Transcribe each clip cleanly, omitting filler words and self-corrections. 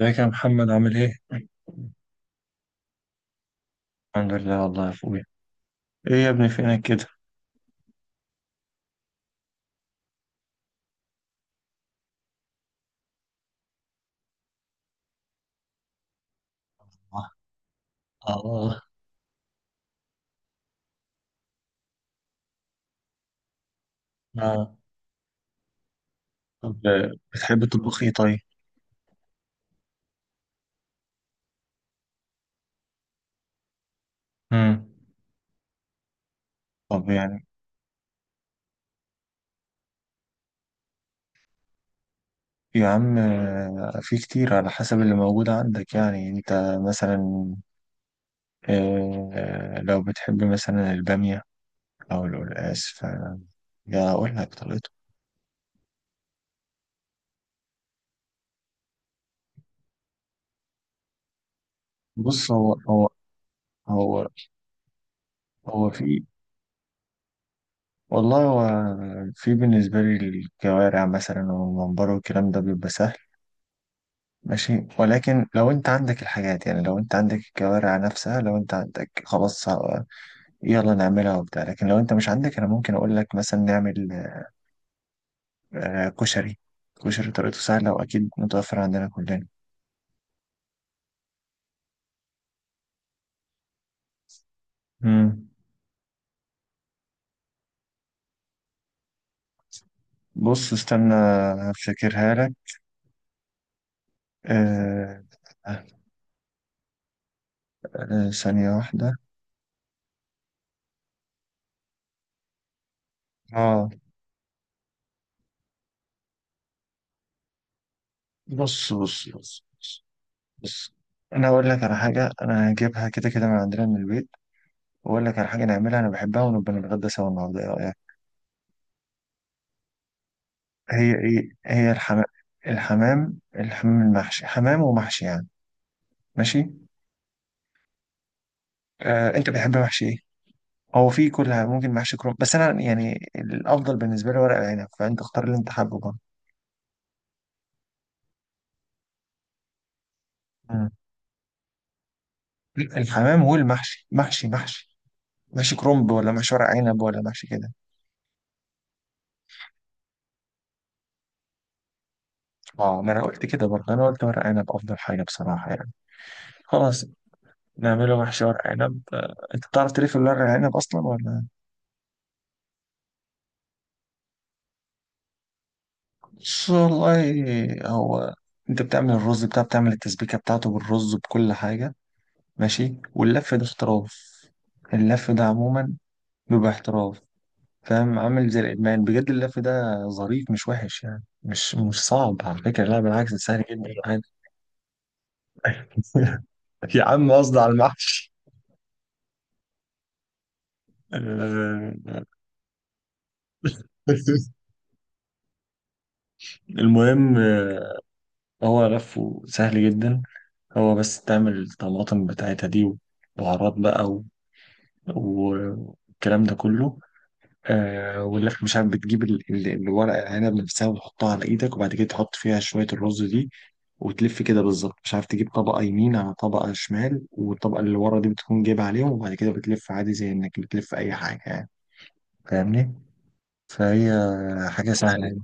ازيك يا محمد عامل ايه؟ الحمد لله والله يا اخويا. ايه يا ابني فينك كده؟ اه. آه. آه. طب بتحب تطبخ ايه طيب؟ امم. طب يعني. يا عم في كتير على حسب اللي موجود عندك يعني انت مثلا. لو بتحب مثلا البامية او القلقاس فيا، اقول لك طريقته. بص هو هو في. والله هو في بالنسبة لي الكوارع مثلا والممبار والكلام ده بيبقى سهل ماشي، ولكن لو انت عندك الحاجات يعني لو انت عندك الكوارع نفسها لو انت عندك خلاص، يلا نعملها وبتاع. لكن لو انت مش عندك انا ممكن اقول لك مثلا نعمل كشري. كشري طريقته سهلة واكيد متوفر عندنا كلنا. مم. بص استنى، هفتكرها لك. آه، ثانية واحدة. اه. بص بص بص بص، بص. انا اقول لك على حاجة انا هجيبها كده كده من عندنا من البيت، واقول لك على حاجة نعملها انا بحبها ونبقى نتغدى سوا النهاردة. هي ايه؟ هي الحمام. الحمام المحشي، حمام ومحشي يعني. ماشي. آه، انت بتحب محشي ايه؟ هو في كلها ممكن، محشي كرنب بس انا يعني الافضل بالنسبه لي ورق العنب، فانت اختار اللي انت حابه برضه. مم. الحمام والمحشي، محشي. محشي كرنب ولا محشي ورق عنب ولا محشي كده؟ اه، ما انا قلت كده برضه، انا قلت ورق عنب افضل حاجه بصراحه يعني. خلاص، نعمله محشي ورق عنب. انت بتعرف تلف الورق العنب اصلا ولا؟ بص، والله هو. انت بتعمل الرز بتاع، بتعمل التسبيكة بتاعته بالرز بكل حاجة، ماشي، واللف ده احتراف. اللف ده عموما بيبقى احتراف، فاهم؟ عامل زي الإدمان بجد اللف ده. ظريف، مش وحش يعني، مش صعب على فكرة، لا بالعكس ده سهل جدا عادي. يا عم قصدي على المحشي. آه، المهم هو لفه سهل جدا. هو بس تعمل الطماطم بتاعتها دي وبهارات بقى، والكلام ده كله، ولا مش عارف، بتجيب الورق العنب نفسها وتحطها على ايدك، وبعد كده تحط فيها شوية الرز دي وتلف كده بالظبط، مش عارف، تجيب طبقة يمين على طبقة شمال والطبقة اللي ورا دي بتكون جايبها عليهم، وبعد كده بتلف عادي زي انك بتلف اي حاجة يعني. فاهمني؟ فهي حاجة سهلة يعني.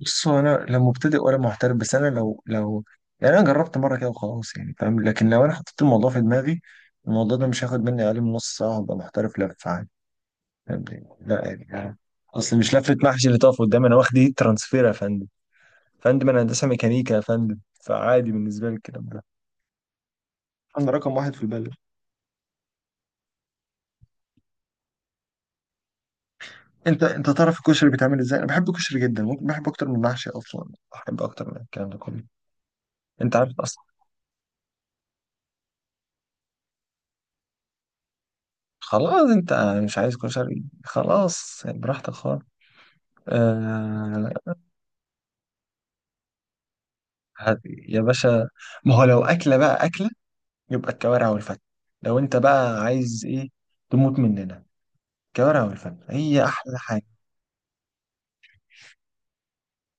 بص هو انا لا مبتدئ ولا محترف، بس انا لو يعني انا جربت مرة كده وخلاص يعني، فاهم؟ لكن لو انا حطيت الموضوع في دماغي، الموضوع ده مش هياخد مني اقل من نص ساعة وهبقى محترف لف عادي. فاهمني؟ لا يعني، اصل مش لفه محشي اللي تقف قدامي. انا واخد ايه؟ ترانسفير يا فندم. فندم، انا هندسه ميكانيكا يا فندم. فعادي بالنسبه لي الكلام ده. انا رقم واحد في البلد. انت تعرف الكشري بيتعمل ازاي؟ انا بحب الكشري جدا، ممكن بحب اكتر من المحشي اصلا، بحب اكتر من الكلام ده كله. انت عارف اصلا. خلاص انت مش عايز كشري، خلاص يعني، براحتك خالص. آه يا باشا، ما هو لو اكله بقى اكله، يبقى الكوارع والفتة. لو انت بقى عايز ايه تموت مننا، الكوارع والفن هي أحلى حاجة.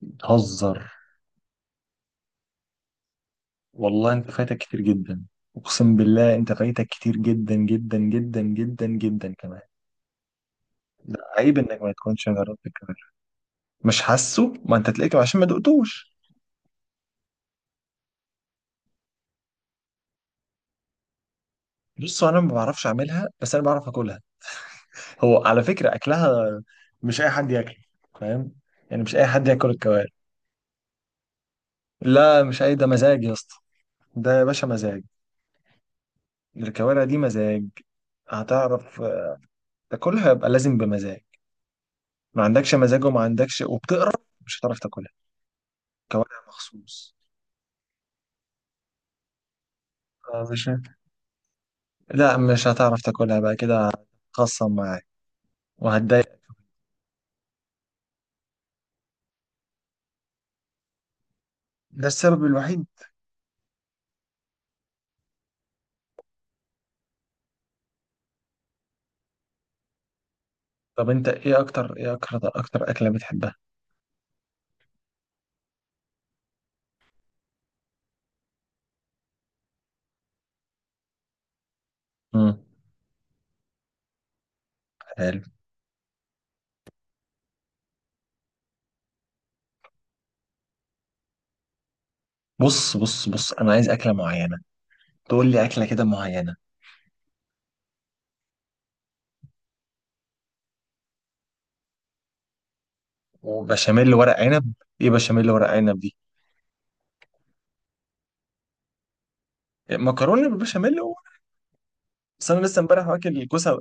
بتهزر؟ والله أنت فايتك كتير جدا. أقسم بالله أنت فايتك كتير جدا جدا جدا جدا جدا كمان. لا، عيب إنك ما تكونش جربت الكوارع. مش حاسه، ما أنت تلاقيك عشان ما دقتوش. بص، أنا ما بعرفش أعملها بس أنا بعرف أكلها. هو على فكرة أكلها مش أي حد ياكله، فاهم؟ يعني مش أي حد ياكل الكوارع. لا، مش أي، ده مزاج يا اسطى. ده يا باشا مزاج. الكوارع دي مزاج. هتعرف تاكلها يبقى لازم بمزاج. ما عندكش مزاج، وما عندكش، وبتقرا، مش هتعرف تاكلها. كوارع مخصوص. مش. لا مش هتعرف تاكلها بقى كده، هتخصم معاك وهتضايق. ده السبب الوحيد. طب انت ايه اكتر اكله بتحبها؟ امم. حلو. بص بص بص، انا عايز اكله معينه، تقول لي اكله كده معينه. وبشاميل ورق عنب. ايه بشاميل ورق عنب دي؟ مكرونه بالبشاميل و- بس انا لسه امبارح واكل الكوسه،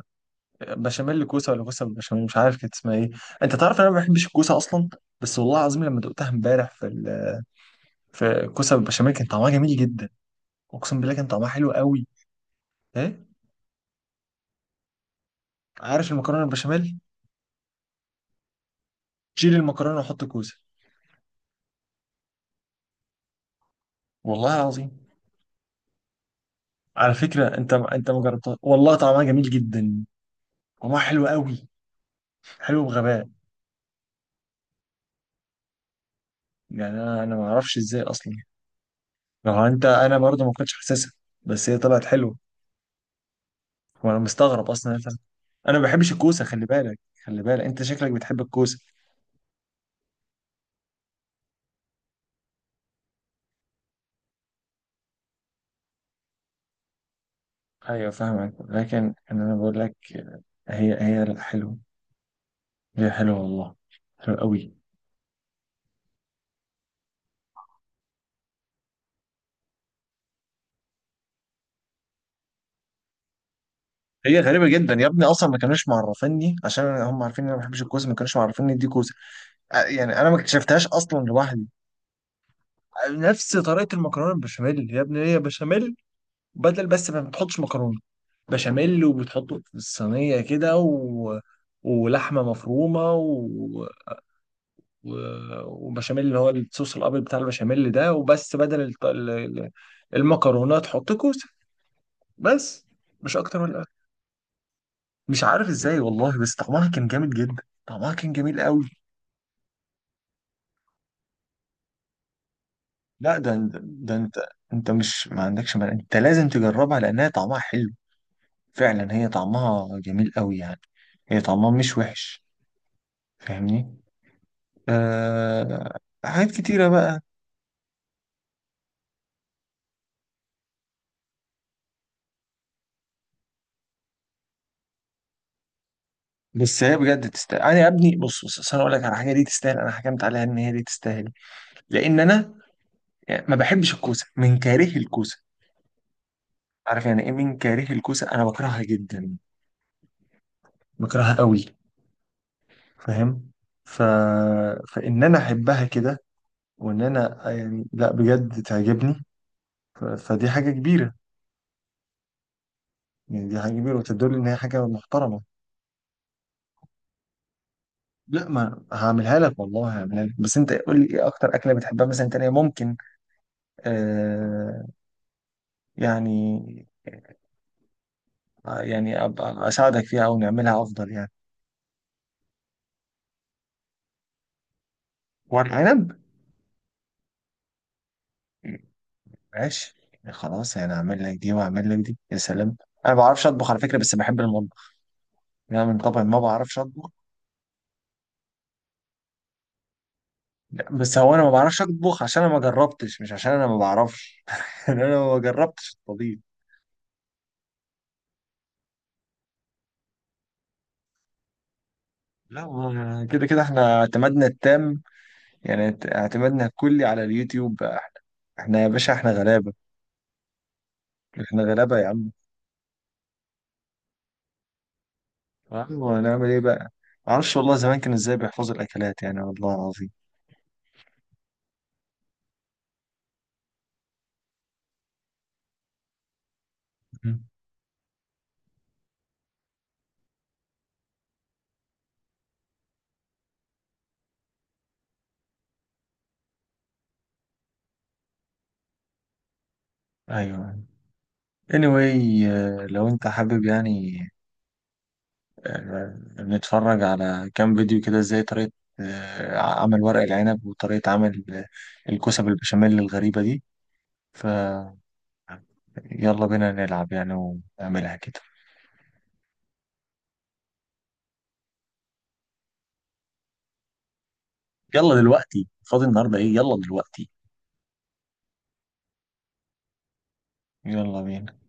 بشاميل كوسه ولا كوسه بالبشاميل، مش عارف كانت اسمها ايه. انت تعرف ان انا ما بحبش الكوسه اصلا. بس والله العظيم لما دقتها امبارح في كوسه بالبشاميل كان طعمها جميل جدا. اقسم بالله كان طعمها حلو قوي. ايه؟ عارف المكرونه بالبشاميل، شيل المكرونه وحط كوسه. والله العظيم. على فكره انت ما جربتها، والله طعمها جميل جدا. طعمها حلو قوي. حلو بغباء. يعني انا ما اعرفش ازاي اصلا. لو انت، انا برضه ما كنتش حاسسها، بس هي طلعت حلوه. هو انا مستغرب اصلا انا. أنا ما بحبش الكوسه خلي بالك. خلي بالك انت شكلك بتحب الكوسه. ايوه فاهمك، لكن انا بقول لك هي لا حلوه. هي حلوه والله. حلوه قوي. هي غريبه جدا يا ابني، اصلا ما كانوش معرفيني عشان هم عارفين ان انا ما بحبش الكوسه، ما كانوش معرفيني دي كوسه. يعني انا ما اكتشفتهاش اصلا لوحدي. نفس طريقه المكرونه البشاميل يا ابني، هي بشاميل، بدل بس ما بتحطش مكرونه. بشاميل وبتحطه في الصينيه كده ولحمه مفرومه وبشاميل اللي هو الصوص الابيض بتاع البشاميل ده وبس، بدل المكرونات حط كوسه، بس. مش اكتر ولا أقل. مش عارف ازاي والله، بس طعمها كان جامد جدا. طعمها كان جميل قوي. لا ده، ده انت، انت مش ما عندكش مال. انت لازم تجربها لانها طعمها حلو فعلا. هي طعمها جميل قوي يعني. هي طعمها مش وحش، فاهمني؟ آه حاجات كتيرة بقى. بس هي بجد تستاهل. انا يا ابني بص بص، أصل انا اقول لك على حاجه دي تستاهل انا حكمت عليها ان هي دي تستاهل. لان انا ما بحبش الكوسه من كاره الكوسه. عارف يعني ايه من كاره الكوسه؟ انا بكرهها جدا، بكرهها قوي، فاهم؟ ف... فان انا احبها كده، وان انا يعني لا بجد تعجبني. فدي حاجه كبيره، يعني دي حاجه كبيره وتدل ان هي حاجه محترمه. لا ما هعملها لك، والله هعملها لك، بس انت قول لي ايه اكتر اكله بتحبها مثلا تانية ممكن. آه يعني يعني ابقى اساعدك فيها او نعملها افضل يعني. ورق عنب. ماشي. خلاص انا اعمل لك دي واعمل لك دي، يا سلام. انا ما بعرفش اطبخ على فكره، بس بحب المطبخ. يعني انا من طبعي ما بعرفش اطبخ. لا، بس هو انا ما بعرفش اطبخ عشان انا ما جربتش، مش عشان انا ما بعرفش. يعني انا ما جربتش الطبيخ. لا كده كده احنا اعتمادنا التام. يعني اعتمادنا الكلي على اليوتيوب بقى. احنا يا باشا، احنا غلابه. احنا غلابه يا عم. ايوه هنعمل ايه بقى؟ ما اعرفش والله زمان كانوا ازاي بيحفظوا الاكلات يعني، والله العظيم. مم. ايوه anyway، لو انت حابب يعني، آه، بنتفرج على كام فيديو كده، ازاي طريقة عمل ورق العنب وطريقة عمل الكوسة بالبشاميل الغريبة دي. ف يلا بينا نلعب يعني ونعملها كده. يلا دلوقتي فاضي النهاردة ايه، يلا دلوقتي. يلا بينا.